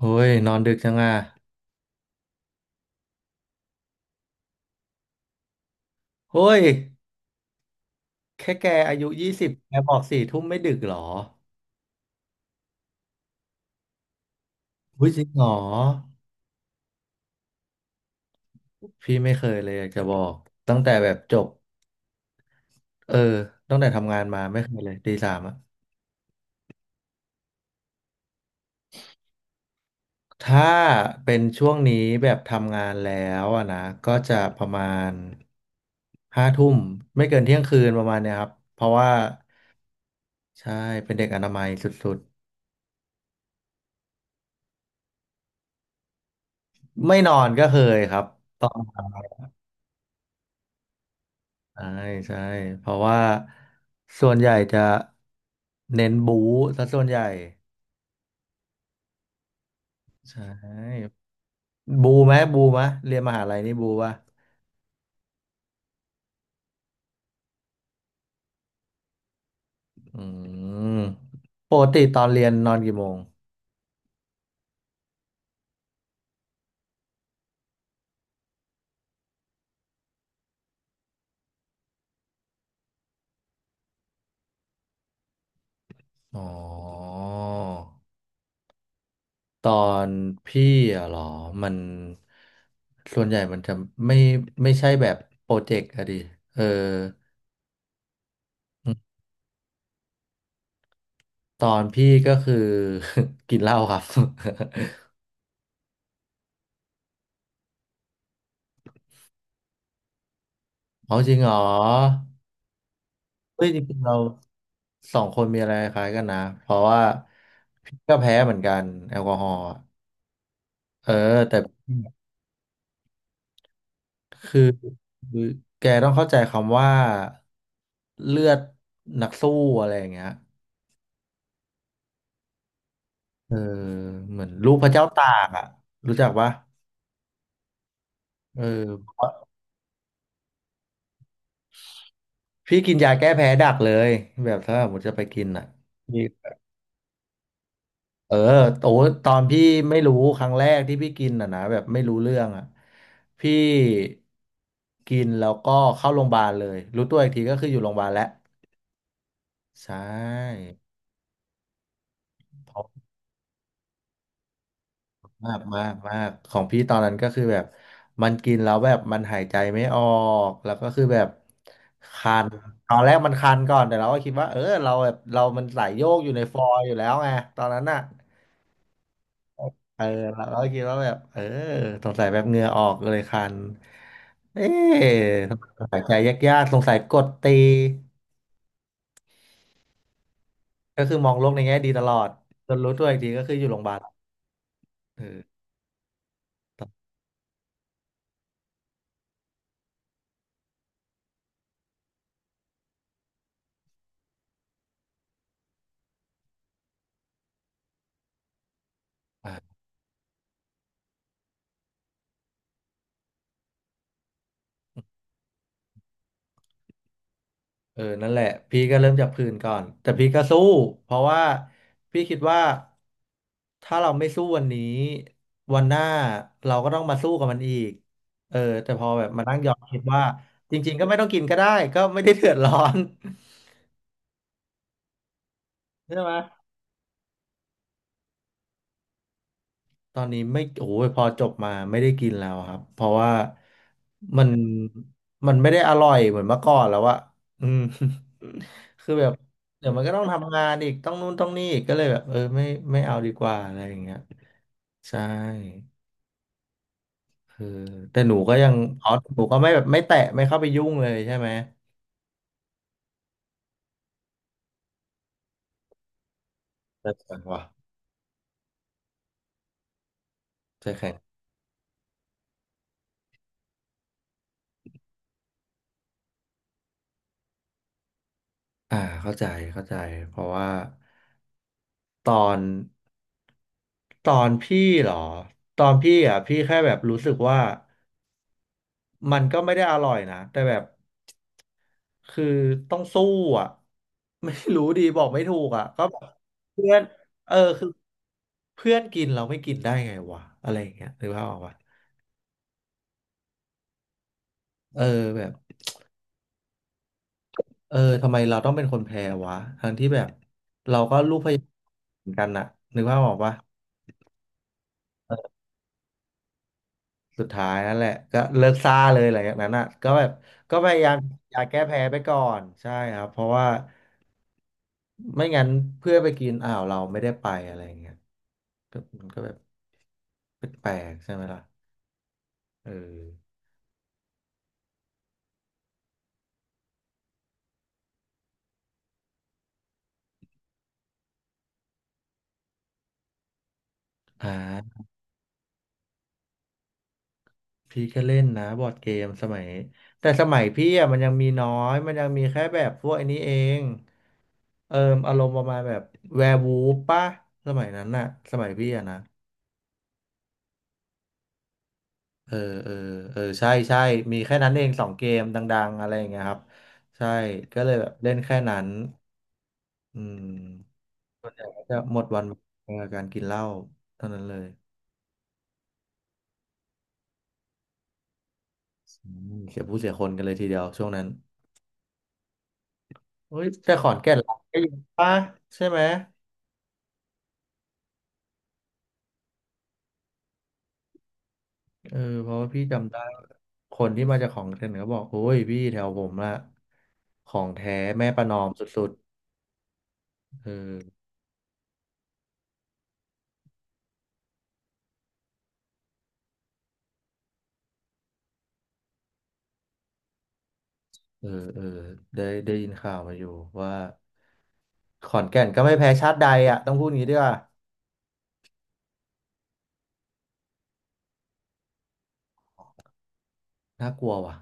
เฮ้ยนอนดึกจังอ่ะเฮ้ยแค่แกอายุ20แกบอกสี่ทุ่มไม่ดึกเหรออุ้ยจริงเหรอพี่ไม่เคยเลยอยากจะบอกตั้งแต่แบบจบเออตั้งแต่ทำงานมาไม่เคยเลยตีสามอะถ้าเป็นช่วงนี้แบบทำงานแล้วอะนะก็จะประมาณห้าทุ่มไม่เกินเที่ยงคืนประมาณเนี้ยครับเพราะว่าใช่เป็นเด็กอนามัยสุดๆไม่นอนก็เคยครับ ใช่ใช่เพราะว่าส่วนใหญ่จะเน้นบู๊ซะส่วนใหญ่ใช่บูไหมบูไหมเรียนมหาลัยนี่บูป่ะอืมปกติตอนเรียนนอนกี่โมงอ๋อตอนพี่อะเหรอมันส่วนใหญ่มันจะไม่ไม่ใช่แบบโปรเจกต์อะดิเออตอนพี่ก็คือ กินเหล้าครับ เอาจริงเหรอ เฮ้ยจริงๆเราสองคนมีอะไรคล้ายกันนะเพราะว่าพี่ก็แพ้เหมือนกันแอลกอฮอล์อะเออแต่คือคือแกต้องเข้าใจคำว่าเลือดนักสู้อะไรอย่างเงี้ยเออเหมือนลูกพระเจ้าตากอ่ะรู้จักปะเออพี่กินยาแก้แพ้ดักเลยแบบถ้าผมมุติจะไปกินอ่ะ เออโอ้ตอนพี่ไม่รู้ครั้งแรกที่พี่กินอ่ะนะแบบไม่รู้เรื่องอ่ะพี่กินแล้วก็เข้าโรงพยาบาลเลยรู้ตัวอีกทีก็คืออยู่โรงพยาบาลแล้วใช่เพราะมากมากมากของพี่ตอนนั้นก็คือแบบมันกินแล้วแบบมันหายใจไม่ออกแล้วก็คือแบบคันตอนแรกมันคันก่อนแต่เราก็คิดว่าเออเราแบบเรามันสายโยกอยู่ในฟอยล์อยู่แล้วไงตอนนั้นน่ะ เออเราก็คิดว่าแบบเออสงสัยแบบเหงื่อออกเลยคันเอ๊ะสงสัยใจยากๆสงสัยกดตีก็คือมองโลกในแง่ดีตลอดจนรู้ตัวอีกทีก็คืออยู่โรงพยาบาลเออตนอ่ะเออนั่นแหละพี่ก็เริ่มจากพื้นก่อนแต่พี่ก็สู้เพราะว่าพี่คิดว่าถ้าเราไม่สู้วันนี้วันหน้าเราก็ต้องมาสู้กับมันอีกเออแต่พอแบบมานั่งย้อนคิดว่าจริงๆก็ไม่ต้องกินก็ได้ก็ไม่ได้เดือดร้อน ใช่ไหม ตอนนี้ไม่โอ้ยพอจบมาไม่ได้กินแล้วครับเพราะว่ามันมันไม่ได้อร่อยเหมือนเมื่อก่อนแล้วอะอืม คือแบบเดี๋ยวมันก็ต้องทำงานอีกต้องนู่นต้องนี่อีกก็เลยแบบเออไม่ไม่เอาดีกว่าอะไรอย่างเงี้ยใช่คือแต่หนูก็ยังอ๋อหนูก็ไม่แบบไม่แตะไม่เข้าไปยุ่งเลยใช่ไหมใจแข็งว่ะใจแข็งอ่าเข้าใจเข้าใจเพราะว่าตอนตอนพี่เหรอตอนพี่อ่ะพี่แค่แบบรู้สึกว่า มันก็ไม่ได้อร่อยนะแต่แบบคือต้องสู้อ่ะ ไม่รู้ดีบอกไม่ถูกอ่ะก็แบบเพื่อนเออคือเพื่อนกินเราไม่กินได้ไงวะอะไรอย่างเงี้ยหรือว่าพออกปะเออแบบเออทำไมเราต้องเป็นคนแพ้วะทั้งที่แบบเราก็ลูกพยายามเหมือนกันน่ะนึกภาพออกปะ สุดท้ายนั่นแหละก็เลิกซ่าเลยหลังจากนั้นอ่ะก็แบบก็พยายามอยากแก้แพ้ไปก่อนใช่ครับเพราะว่าไม่งั้นเพื่อนไปกินอ้าวเราไม่ได้ไปอะไรอย่างเงี้ยก็มันก็แบบแปลกๆใช่ไหมล่ะเอออ่าพี่ก็เล่นนะบอร์ดเกมสมัยแต่สมัยพี่อ่ะมันยังมีน้อยมันยังมีแค่แบบพวกไอันนี้เองเอออารมณ์ประมาณแบบแวร์วูฟป่ะสมัยนั้นน่ะสมัยพี่อ่ะนะ เออเออเออใช่ใช่ มีแค่นั้นเองสองเกมดังๆอะไรอย่างเงี้ยครับใช่ก็เลยแบบเล่นแค่นั้นอืมจะหมดวันกับการกินเหล้าเท่านั้นเลยอืมเสียผู้เสียคนกันเลยทีเดียวช่วงนั้นเฮ้ยแต่ขอนแก่นรักได้อยู่ปะใช่ไหมเออเพราะว่าพี่จำได้คนที่มาจากของเก่นก็บอกโอ้ยพี่แถวผมละของแท้แม่ประนอมสุดๆเออ เออเออได้ได้ยินข่าวมาอยู่ว่าขอนแก่นก็ไม่แพ้ชาติใดอ่ะต้องพูดงี้ด้วยว่าน่ากลัวว่ะ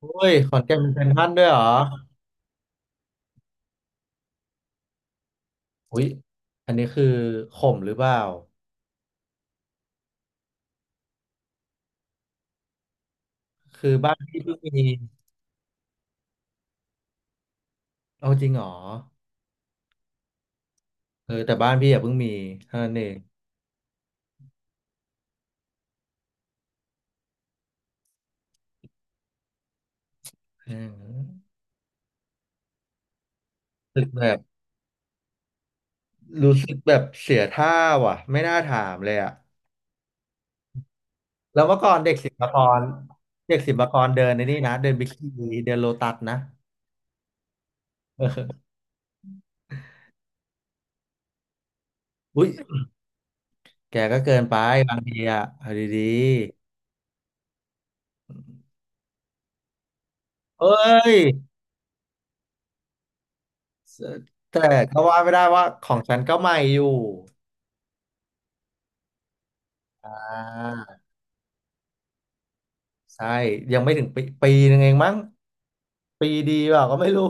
โอ้ยขอนแก่นเป็นเซ็นทรัลด้วยเหรออุ้ยอันนี้คือข่มหรือเปล่าคือบ้านพี่เพิ่งมีเอาจริงเหรอเออแต่บ้านพี่อ่ะเพิ่งมีเท่านั้นเองม่รู้สึกแบบรู้สึกแบบเสียท่าว่ะไม่น่าถามเลยอ่ะแล้วเมื่อก่อนเด็กศิลปากรเด็กศิลปากรเดินในนี่นะเดินบิ๊กซีเดินโลตัสนะอุ้ย แกก็เกินไปบางทีอะเอาดีๆเอ้ยแต่ก็ว่าไม่ได้ว่าของฉันก็ใหม่อยู่อ่าใช่ยังไม่ถึงปีปีหนึงเองมั้งปีดีเปล่าก็ไม่รู้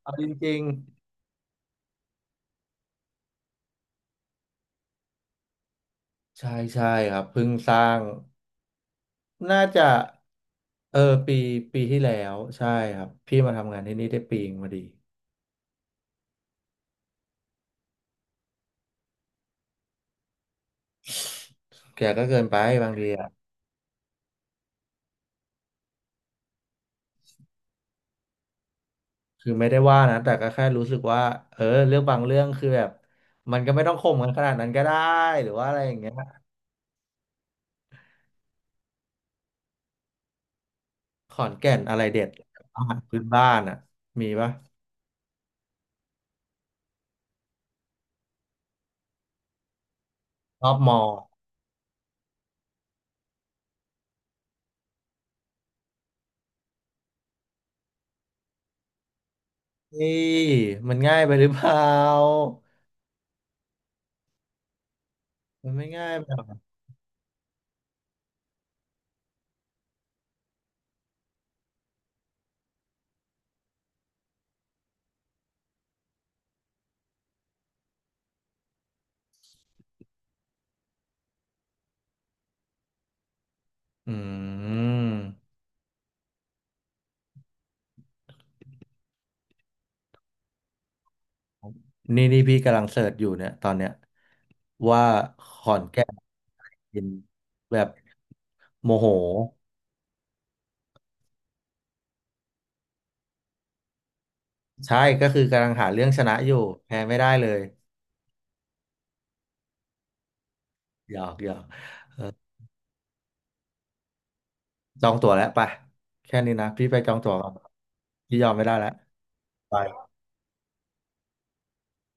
เอาจริงๆใช่ใช่ครับเพิ่งสร้างน่าจะเออปีปีที่แล้วใช่ครับพี่มาทำงานที่นี่ได้ปีเองพอดีแกก็เกินไปบางทีอะ คือไม่ได้ว่านะแต่ก็แค่รู้สึกว่าเออเรื่องบางเรื่องคือแบบมันก็ไม่ต้องข่มกันขนาดนั้นก็ได้หรือว่าอะไรอย่างเงี้ยขอนแก่นอะไรเด็ดอาหารพื้นบ้านอ่ะมีปะรอบมอนี่มันง่ายไปหรือเปล่ามันไม่ง่ายไปหรอกอืมนี่พี่กำลังเสิร์ชอยู่เนี่ยตอนเนี้ยว่าขอนแก่นกินแบบโมโหใช่ก็คือกำลังหาเรื่องชนะอยู่แพ้ไม่ได้เลยหยอกหยอก จองตั๋วแล้วไปแค่นี้นะพี่ไปจองตั๋วก่อนพี่ยอมไม่ได้แล้วไป